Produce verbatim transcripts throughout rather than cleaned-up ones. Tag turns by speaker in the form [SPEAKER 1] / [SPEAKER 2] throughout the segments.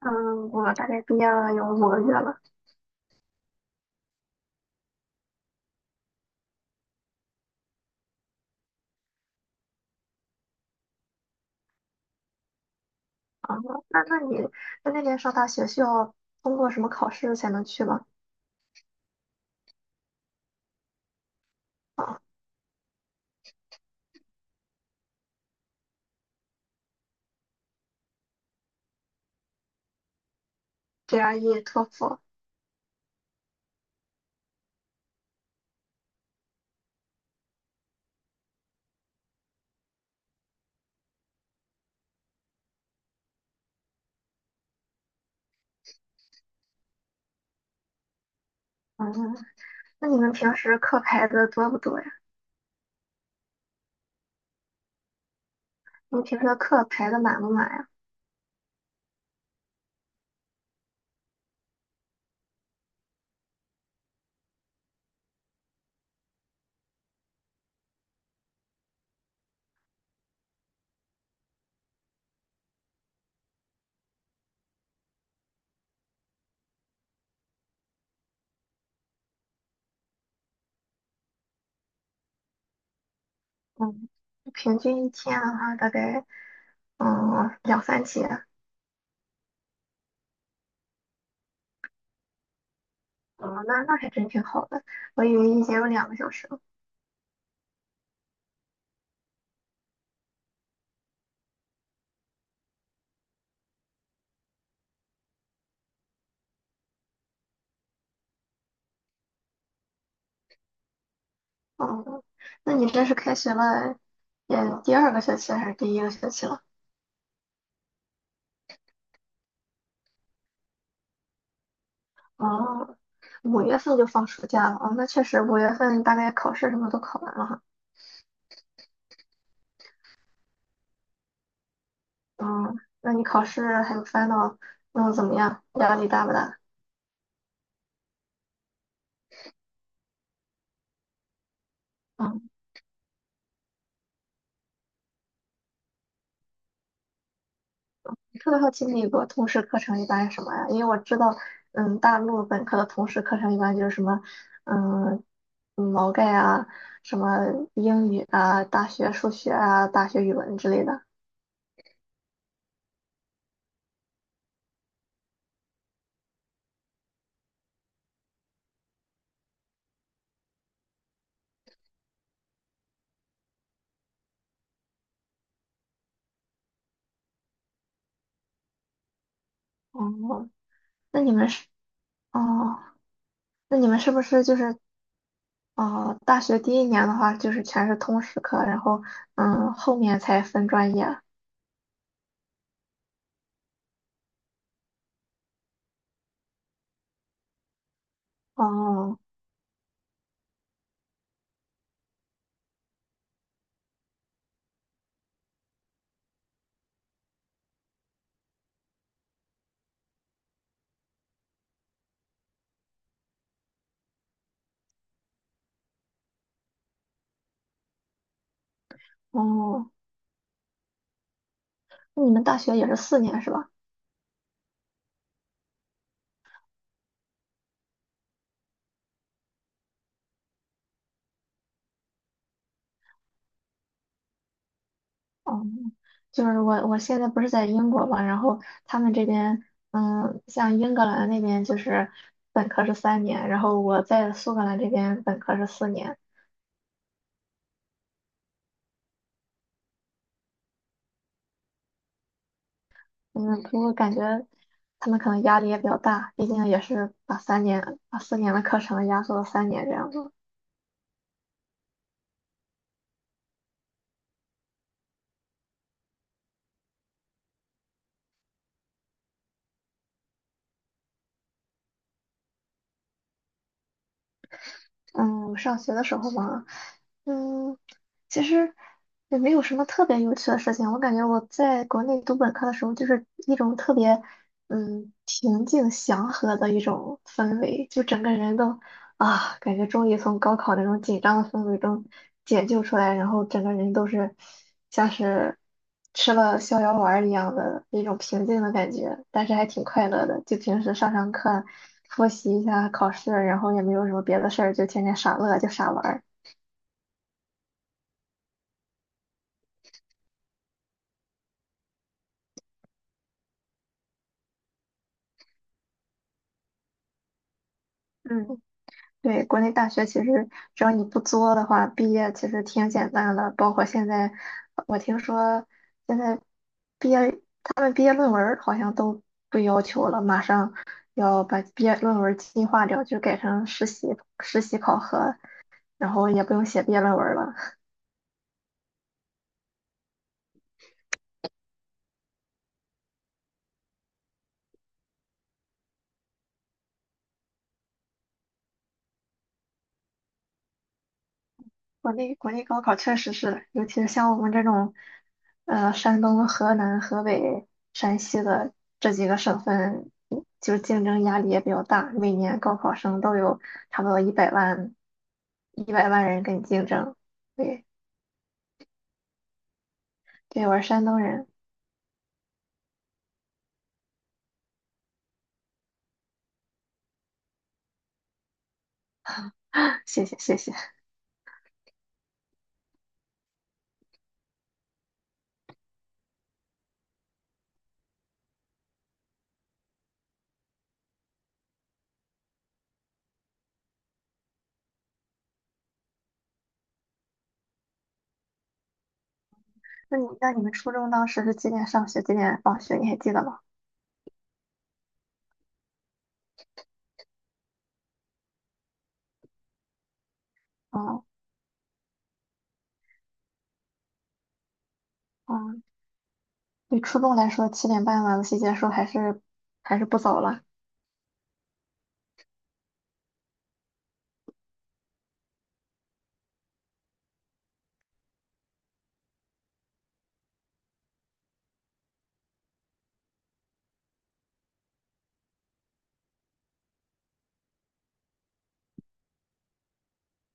[SPEAKER 1] 嗯，我大概毕业了有五个月了。啊，那那你在那边上大学需要通过什么考试才能去吗？啊，G R E、托福。嗯，那你们平时课排的多不多呀？你们平时的课排的满不满呀？嗯，平均一天的话，大概嗯两三节。哦，那那还真挺好的。我以为一节有两个小时呢。哦，那你这是开学了，也第二个学期还是第一个学期了？哦，五月份就放暑假了哦，那确实五月份大概考试什么都考完了哈。嗯，那你考试还有 final 嗯怎么样？压力大不大？嗯，特别好奇美国通识课程一般是什么呀？因为我知道，嗯，大陆本科的通识课程一般就是什么，嗯，毛概啊，什么英语啊，大学数学啊，大学语文之类的。哦，那你们是哦，那你们是不是就是哦，大学第一年的话，就是全是通识课，然后嗯，后面才分专业。哦哦，那你们大学也是四年是吧？哦，就是我我现在不是在英国嘛，然后他们这边嗯，像英格兰那边就是本科是三年，然后我在苏格兰这边本科是四年。嗯，不过感觉他们可能压力也比较大，毕竟也是把三年把四年的课程压缩到三年这样子。嗯，上学的时候嘛，嗯，其实也没有什么特别有趣的事情。我感觉我在国内读本科的时候，就是一种特别嗯平静祥和的一种氛围，就整个人都啊，感觉终于从高考那种紧张的氛围中解救出来，然后整个人都是像是吃了逍遥丸儿一样的那种平静的感觉，但是还挺快乐的。就平时上上课、复习一下考试，然后也没有什么别的事儿，就天天傻乐，就傻玩儿。嗯。对，国内大学其实只要你不作的话，毕业其实挺简单的。包括现在，我听说现在毕业，他们毕业论文儿好像都不要求了，马上要把毕业论文儿进化掉，就改成实习实习考核，然后也不用写毕业论文儿了。国内国内高考确实是，尤其是像我们这种，呃，山东、河南、河北、山西的这几个省份，嗯就竞争压力也比较大。每年高考生都有差不多一百万，一百万人跟你竞争。对，对，我是山东人，谢谢谢谢。那你那你们初中当时是几点上学，几点放学？你还记得吗？哦，哦，对初中来说，七点半晚自习结束还是还是不早了。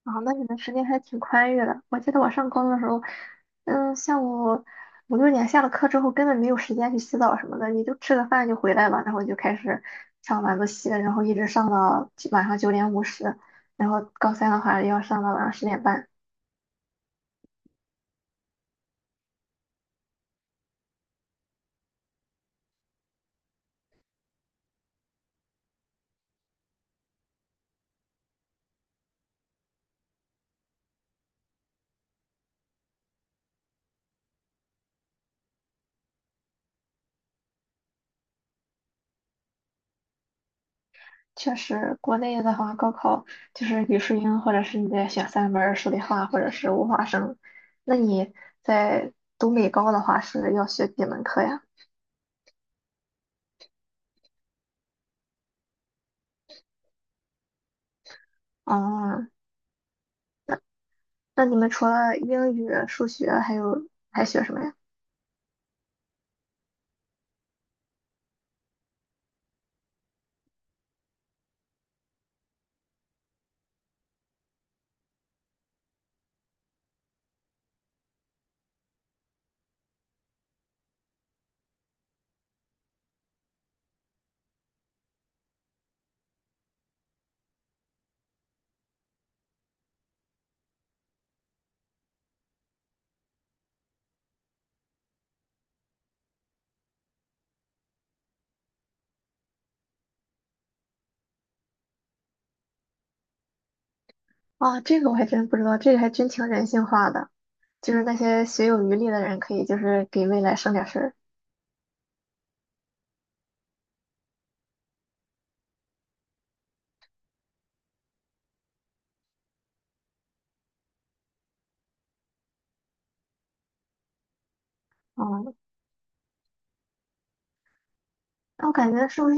[SPEAKER 1] 啊，那你们时间还挺宽裕的。我记得我上高中的时候，嗯，下午五六点下了课之后，根本没有时间去洗澡什么的，你就吃个饭就回来了，然后就开始上晚自习，然后一直上到九晚上九点五十，然后高三的话要上到晚上十点半。确实，国内的话，高考就是语数英，或者是你得选三门儿数理化，或者是物化生。那你在读美高的话，是要学几门课呀？哦，那你们除了英语、数学，还有还学什么呀？啊，这个我还真不知道，这个还真挺人性化的，就是那些学有余力的人，可以就是给未来省点事儿。嗯，那我感觉是不是？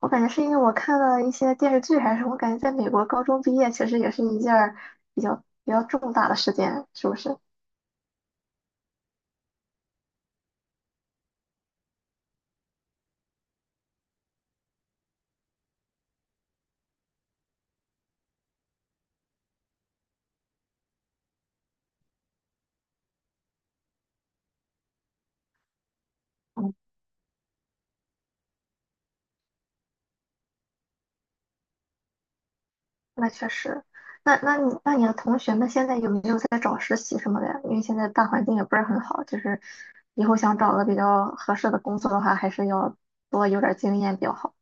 [SPEAKER 1] 我感觉是因为我看了一些电视剧还是什么，我感觉在美国高中毕业其实也是一件儿比较比较重大的事件，是不是？嗯。那确实，那那你那你的同学们现在有没有在找实习什么的呀？因为现在大环境也不是很好，就是以后想找个比较合适的工作的话，还是要多有点儿经验比较好。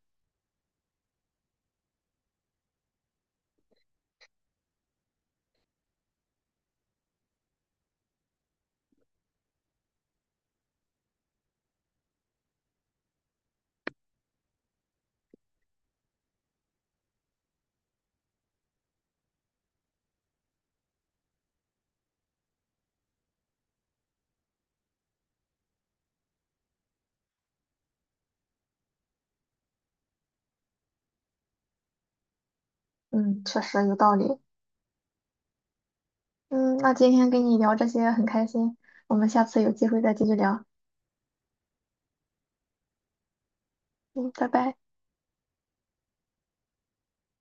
[SPEAKER 1] 嗯，确实有道理。嗯，那今天跟你聊这些很开心，我们下次有机会再继续聊。嗯，拜拜。